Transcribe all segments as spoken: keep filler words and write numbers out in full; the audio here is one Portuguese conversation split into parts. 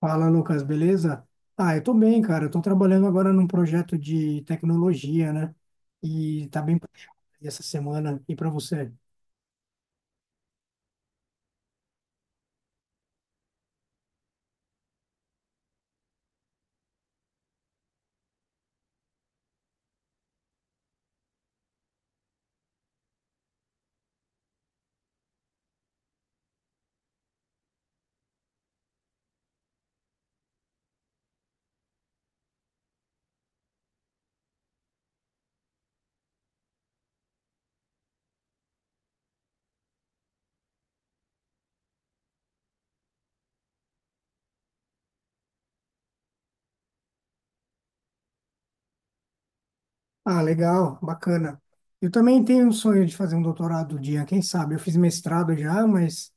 Fala, Lucas, beleza? Ah, eu tô bem, cara. Eu tô trabalhando agora num projeto de tecnologia, né? E tá bem puxado aí essa semana. E para você? Ah, legal, bacana. Eu também tenho um sonho de fazer um doutorado um dia, quem sabe? Eu fiz mestrado já, mas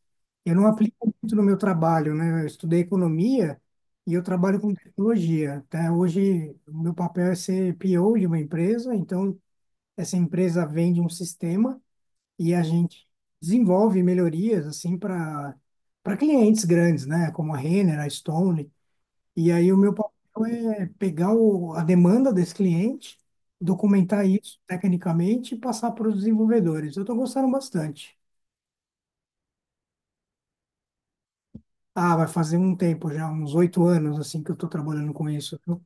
eu não aplico muito no meu trabalho, né? Eu estudei economia e eu trabalho com tecnologia. Até hoje, o meu papel é ser P O de uma empresa, então essa empresa vende um sistema. E a gente desenvolve melhorias assim para para clientes grandes, né, como a Renner, a Stone. E aí o meu papel é pegar o, a demanda desse cliente, documentar isso tecnicamente e passar para os desenvolvedores. Eu estou gostando bastante. Ah, vai fazer um tempo já, uns oito anos assim que eu estou trabalhando com isso, viu?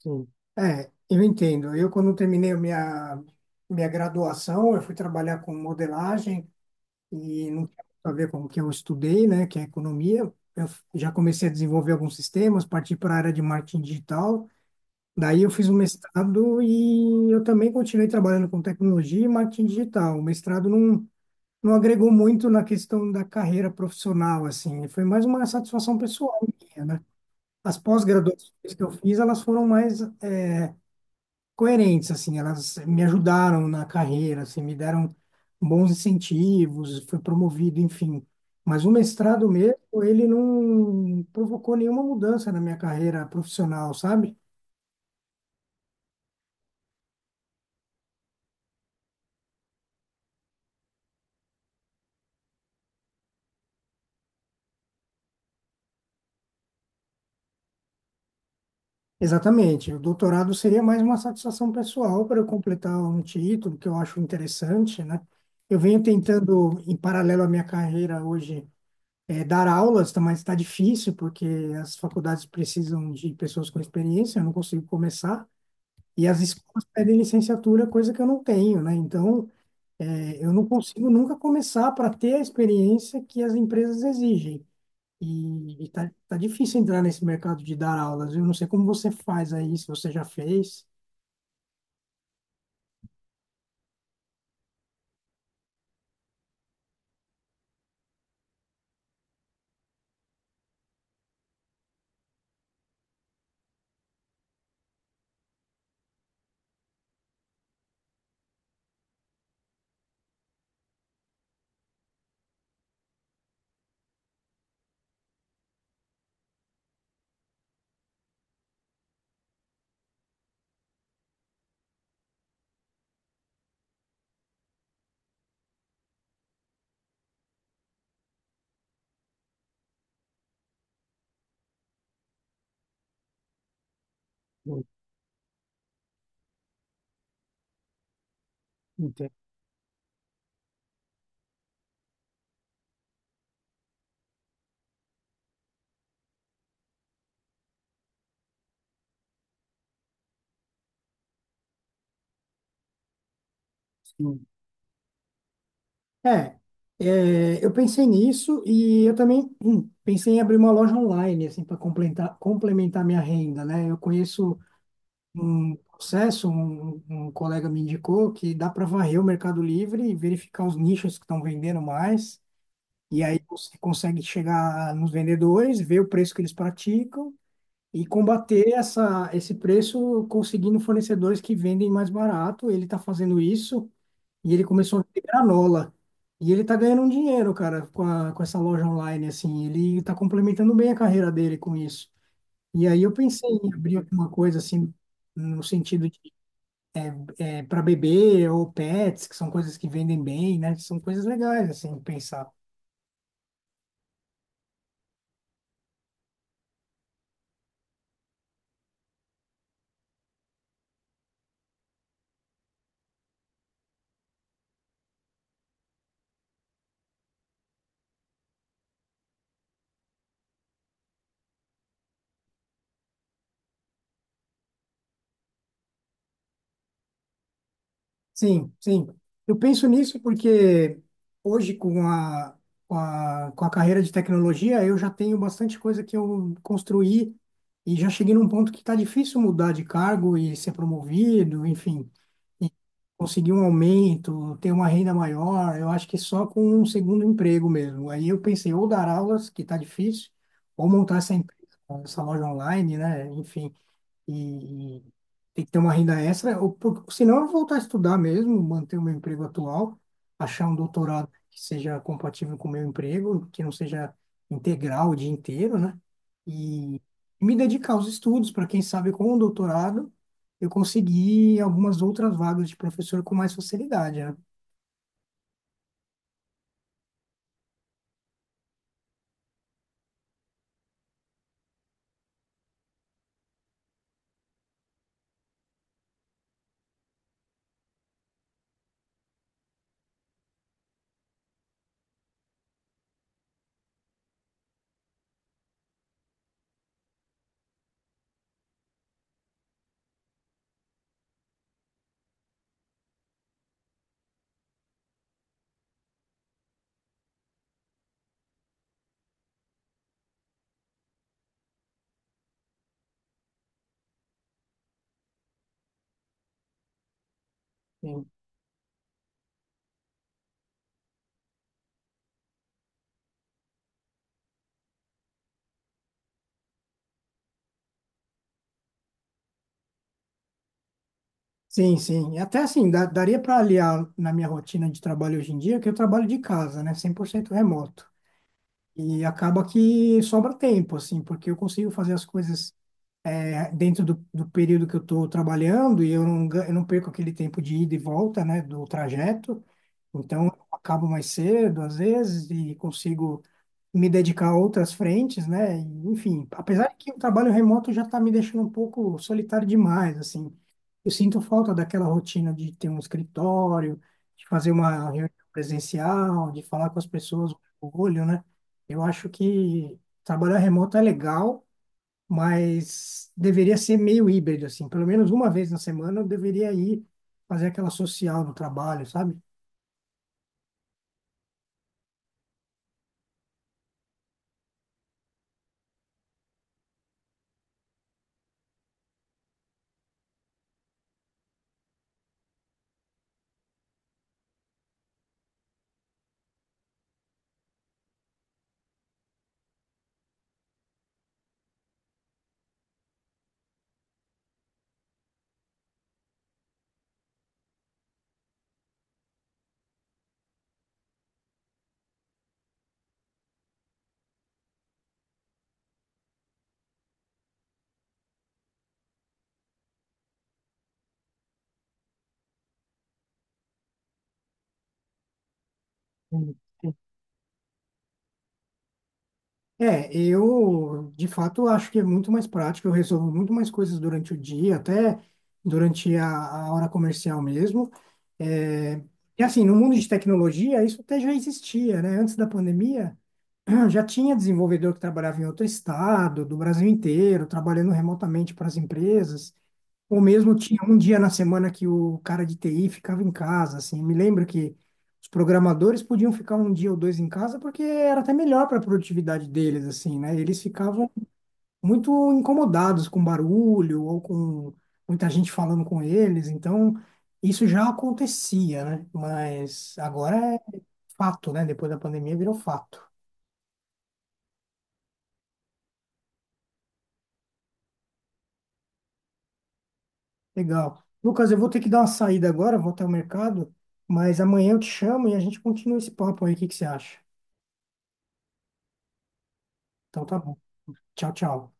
Sim. É, eu entendo. Eu quando terminei a minha minha graduação, eu fui trabalhar com modelagem e não tinha muito a ver com o que eu estudei, né, que é economia. Eu f- já comecei a desenvolver alguns sistemas, parti para a área de marketing digital. Daí eu fiz um mestrado e eu também continuei trabalhando com tecnologia e marketing digital. O mestrado não, não agregou muito na questão da carreira profissional, assim, foi mais uma satisfação pessoal minha, né? As pós-graduações que eu fiz, elas foram mais é, coerentes, assim, elas me ajudaram na carreira, assim, me deram bons incentivos, fui promovido, enfim. Mas o mestrado mesmo, ele não provocou nenhuma mudança na minha carreira profissional, sabe? Exatamente. O doutorado seria mais uma satisfação pessoal para eu completar um título que eu acho interessante, né? Eu venho tentando, em paralelo à minha carreira hoje, eh, dar aulas, tá- mas está difícil porque as faculdades precisam de pessoas com experiência, eu não consigo começar. E as escolas pedem licenciatura, coisa que eu não tenho, né? Então, eh, eu não consigo nunca começar para ter a experiência que as empresas exigem. E, e tá, tá difícil entrar nesse mercado de dar aulas. Eu não sei como você faz aí, se você já fez. Eu entendo, sim. É, é, eu pensei nisso e eu também hum, pensei em abrir uma loja online, assim, para complementar, complementar minha renda, né? Eu conheço um processo, um, um colega me indicou que dá para varrer o Mercado Livre e verificar os nichos que estão vendendo mais. E aí você consegue chegar nos vendedores, ver o preço que eles praticam e combater essa, esse preço conseguindo fornecedores que vendem mais barato. Ele está fazendo isso e ele começou a vender granola. E ele está ganhando um dinheiro, cara, com, a, com essa loja online, assim. Ele está complementando bem a carreira dele com isso. E aí eu pensei em abrir alguma coisa assim, no sentido, é, para bebê ou pets, que são coisas que vendem bem, né? São coisas legais, assim, pensar. Sim, sim. Eu penso nisso porque hoje, com a, com a, com a carreira de tecnologia, eu já tenho bastante coisa que eu construí e já cheguei num ponto que está difícil mudar de cargo e ser promovido, enfim. Conseguir um aumento, ter uma renda maior, eu acho que só com um segundo emprego mesmo. Aí eu pensei ou dar aulas, que está difícil, ou montar essa empresa, essa loja online, né? Enfim, e e tem que ter uma renda extra, ou por, senão eu vou voltar a estudar mesmo, manter o meu emprego atual, achar um doutorado que seja compatível com o meu emprego, que não seja integral o dia inteiro, né? E me dedicar aos estudos, para quem sabe com o doutorado eu conseguir algumas outras vagas de professor com mais facilidade, né? Sim, sim, sim. E até assim, dá, daria para aliar na minha rotina de trabalho hoje em dia, que eu trabalho de casa, né? Cem por cento remoto. E acaba que sobra tempo, assim, porque eu consigo fazer as coisas, é, dentro do, do período que eu estou trabalhando e eu não, ga- eu não perco aquele tempo de ida e volta, né, do trajeto. Então, eu acabo mais cedo, às vezes, e consigo me dedicar a outras frentes, né? Enfim, apesar de que o trabalho remoto já está me deixando um pouco solitário demais, assim. Eu sinto falta daquela rotina de ter um escritório, de fazer uma reunião presencial, de falar com as pessoas no olho, né? Eu acho que trabalhar remoto é legal, mas deveria ser meio híbrido, assim. Pelo menos uma vez na semana eu deveria ir fazer aquela social no trabalho, sabe? É, eu de fato acho que é muito mais prático, eu resolvo muito mais coisas durante o dia, até durante a, a hora comercial mesmo. É, e assim, no mundo de tecnologia, isso até já existia, né? Antes da pandemia, já tinha desenvolvedor que trabalhava em outro estado, do Brasil inteiro, trabalhando remotamente para as empresas. Ou mesmo tinha um dia na semana que o cara de T I ficava em casa, assim. Me lembro que os programadores podiam ficar um dia ou dois em casa porque era até melhor para a produtividade deles, assim, né? Eles ficavam muito incomodados com barulho ou com muita gente falando com eles, então isso já acontecia, né? Mas agora é fato, né? Depois da pandemia virou fato. Legal. Lucas, eu vou ter que dar uma saída agora, vou até o mercado, mas amanhã eu te chamo e a gente continua esse papo aí, o que que você acha? Então tá bom. Tchau, tchau.